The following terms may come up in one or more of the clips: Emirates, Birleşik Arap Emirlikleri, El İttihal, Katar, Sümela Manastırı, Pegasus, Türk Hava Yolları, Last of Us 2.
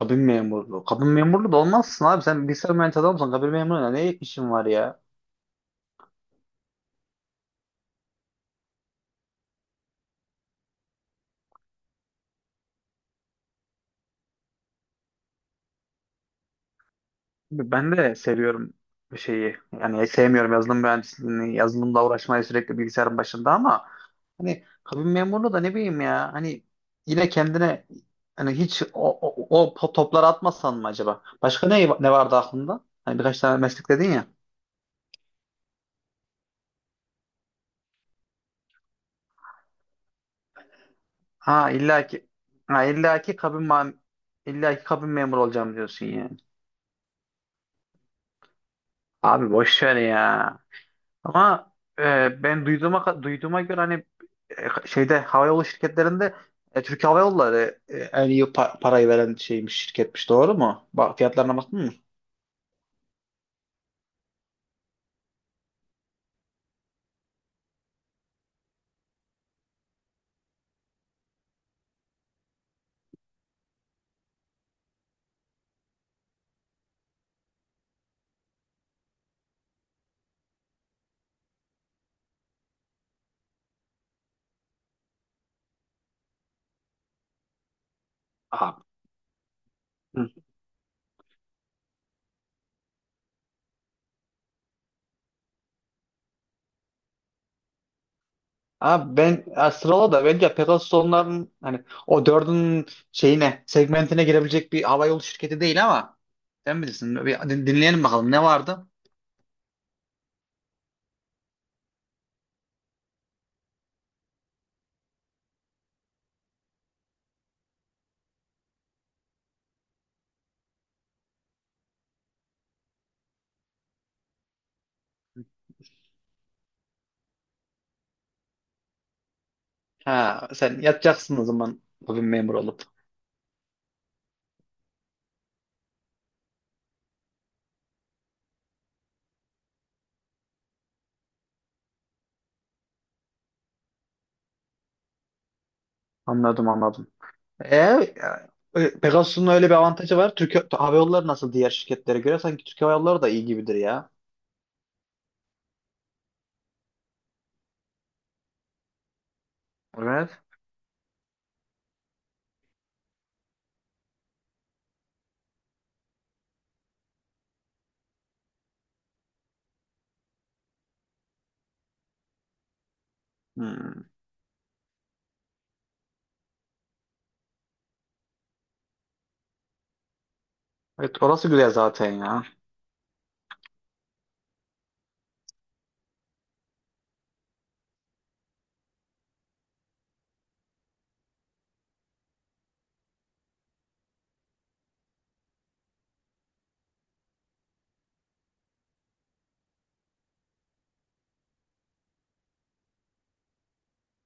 Kabin memurluğu. Kabin memurluğu da olmazsın abi. Sen bilgisayar mühendisi adamsın. Kabin memurluğuna ne işin var ya? Ben de seviyorum bir şeyi. Yani sevmiyorum yazılım mühendisliğini, yazılımla uğraşmayı sürekli bilgisayarın başında, ama hani kabin memurluğu da ne bileyim ya. Hani yine kendine hani hiç topları atmasan mı acaba? Başka ne vardı aklında? Hani birkaç tane meslek dedin ya. Ha illaki ha illaki kabin ma- illaki kabin memuru olacağım diyorsun yani. Abi boş ver ya. Ama ben duyduğuma göre hani şeyde havayolu şirketlerinde, Türk Hava Yolları en iyi parayı veren şeymiş, şirketmiş, doğru mu? Bak fiyatlarına baktın mı? Abi, hı. Abi ben ya sırala da bence Pegasus onların hani o dördün şeyine, segmentine girebilecek bir havayolu şirketi değil ama sen bilirsin. Dinleyelim bakalım, ne vardı? Ha, sen yatacaksın o zaman bugün memur olup. Anladım, anladım. E, Pegasus'un öyle bir avantajı var. Türk Hava Yolları nasıl diğer şirketlere göre? Sanki Türk Hava Yolları da iyi gibidir ya. Evet. Hmm. Evet, orası güzel zaten ya.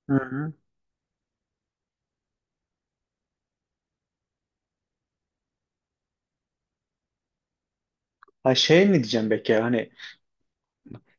Hı hı. Ha, şey mi diyeceğim peki hani.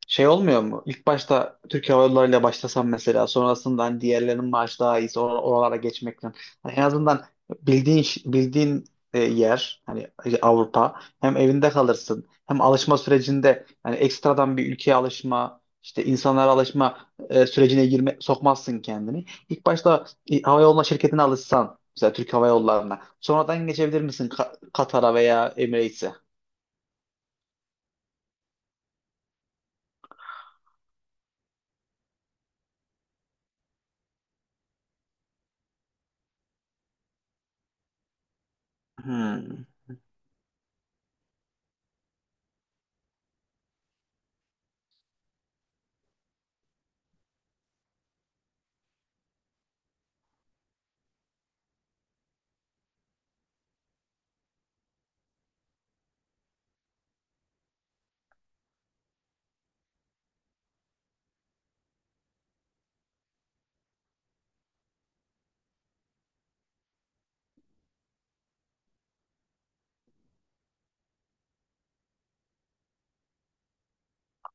Şey olmuyor mu? İlk başta Türk Hava Yolları'yla başlasam, mesela sonrasında hani diğerlerinin maaşı daha iyiyse oralara geçmekten. Hani en azından bildiğin yer, hani Avrupa, hem evinde kalırsın hem alışma sürecinde, yani ekstradan bir ülkeye alışma, işte insanlara alışma sürecine girme, sokmazsın kendini. İlk başta hava yoluna, şirketine alışsan mesela Türk Hava Yolları'na, sonradan geçebilir misin Katar'a veya Emirates'e? Hmm.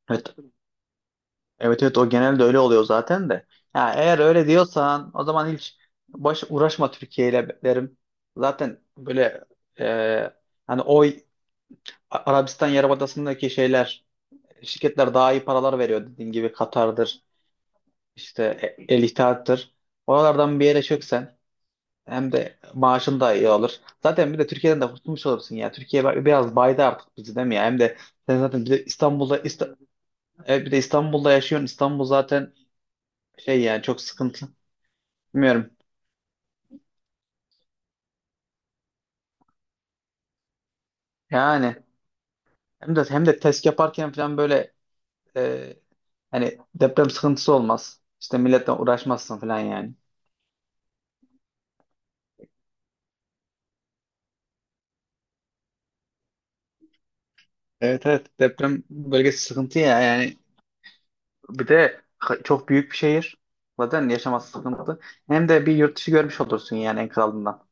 Evet. Evet, evet, o genelde öyle oluyor zaten de. Ya eğer öyle diyorsan, o zaman hiç baş uğraşma Türkiye ile derim. Zaten böyle e, hani oy Arabistan Yarımadası'ndaki şeyler, şirketler daha iyi paralar veriyor, dediğin gibi Katar'dır, işte El İttihat'tır. Oralardan bir yere çöksen hem de maaşın da iyi olur. Zaten bir de Türkiye'den de kurtulmuş olursun ya. Türkiye biraz baydı artık bizi, değil mi ya? Hem de sen zaten bir de İstanbul'da yaşıyorsun. İstanbul zaten şey, yani çok sıkıntı. Bilmiyorum. Yani hem de test yaparken falan böyle, e, hani deprem sıkıntısı olmaz. İşte milletle uğraşmazsın falan yani. Evet, evet, deprem bölgesi sıkıntı ya yani. Bir de çok büyük bir şehir. Zaten yaşaması sıkıntı. Hem de bir yurt dışı görmüş olursun yani, en kralından.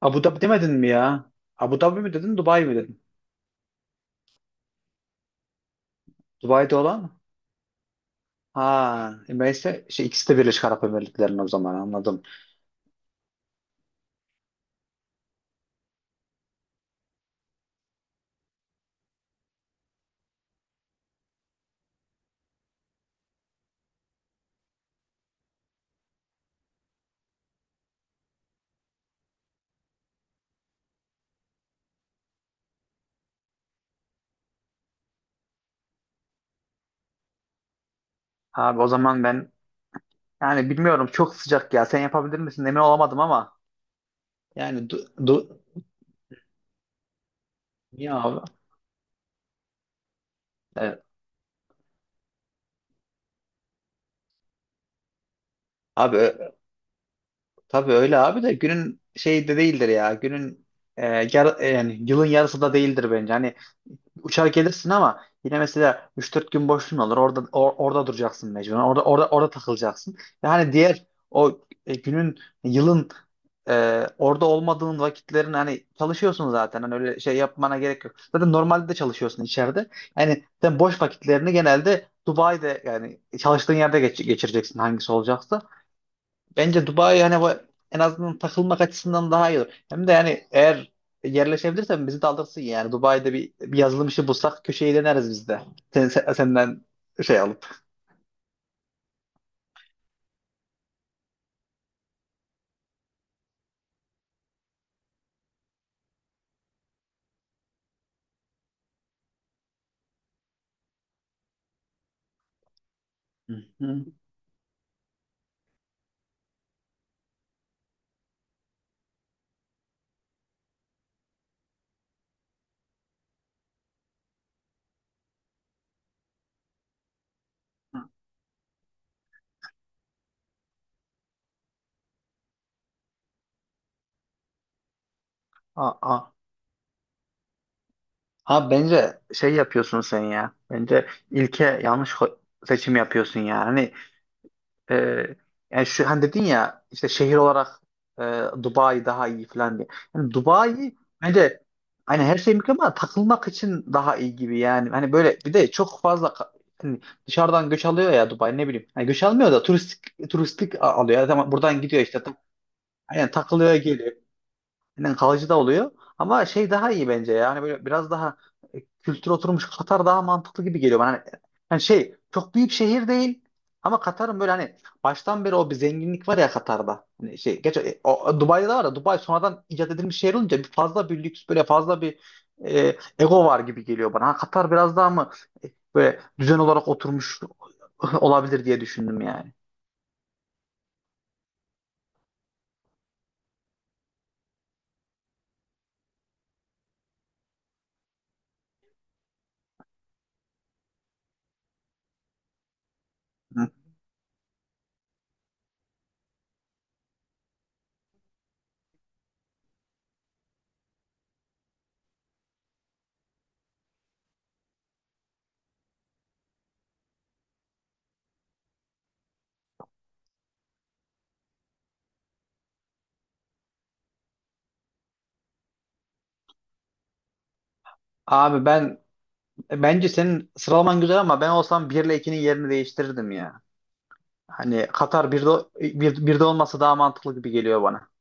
Abu Dhabi demedin mi ya? Abu Dhabi mi dedin, Dubai mi dedin? Dubai'de olan mı? Ha, neyse şey, ikisi de Birleşik Arap Emirlikleri'nin, o zaman anladım. Abi o zaman ben, yani bilmiyorum, çok sıcak ya. Sen yapabilir misin? Emin olamadım ama. Yani du niye abi? Evet. Abi ö- tabii öyle abi, de günün şeyi de değildir ya. Günün e, yar- e, Yani yılın yarısı da değildir bence. Hani uçar gelirsin ama yine mesela 3-4 gün boşluğun olur. Orada duracaksın mecburen. Orada takılacaksın. Yani diğer o e, günün, yılın orada olmadığın vakitlerin, hani çalışıyorsun zaten. Hani öyle şey yapmana gerek yok. Zaten normalde de çalışıyorsun içeride. Yani sen boş vakitlerini genelde Dubai'de, yani çalıştığın yerde geçireceksin, hangisi olacaksa. Bence Dubai, hani en azından takılmak açısından daha iyi olur. Hem de yani eğer yerleşebilirsen bizi de alırsın yani. Yani Dubai'de bir yazılım işi bulsak, köşeyi döneriz biz de. Senden şey alıp. Hı hı. Aa, abi bence şey yapıyorsun sen ya. Bence yanlış seçim yapıyorsun ya. Hani e, yani şu hani dedin ya, işte şehir olarak e, Dubai daha iyi falan diye. Yani Dubai bence, hani her şey mükemmel ama takılmak için daha iyi gibi yani. Hani böyle bir de çok fazla hani dışarıdan göç alıyor ya Dubai, ne bileyim. Hani göç almıyor da turistik, turistik alıyor. Tamam, buradan gidiyor işte. Ta- aynen, takılıyor geliyor. Yani kalıcı da oluyor. Ama şey daha iyi bence ya. Hani böyle biraz daha kültür oturmuş Katar daha mantıklı gibi geliyor bana. Hani, hani şey çok büyük şehir değil ama Katar'ın böyle, hani baştan beri o bir zenginlik var ya Katar'da. Hani şey geç e, o, o Dubai'de de var da, Dubai sonradan icat edilmiş şehir olunca bir fazla bir lüks, böyle fazla bir ego var gibi geliyor bana. Ha, Katar biraz daha mı e, böyle düzen olarak oturmuş olabilir diye düşündüm yani. Hı. Abi ben Bence senin sıralaman güzel ama ben olsam 1 ile 2'nin yerini değiştirirdim ya. Hani Katar birde bir, 1'de olması daha mantıklı gibi geliyor bana.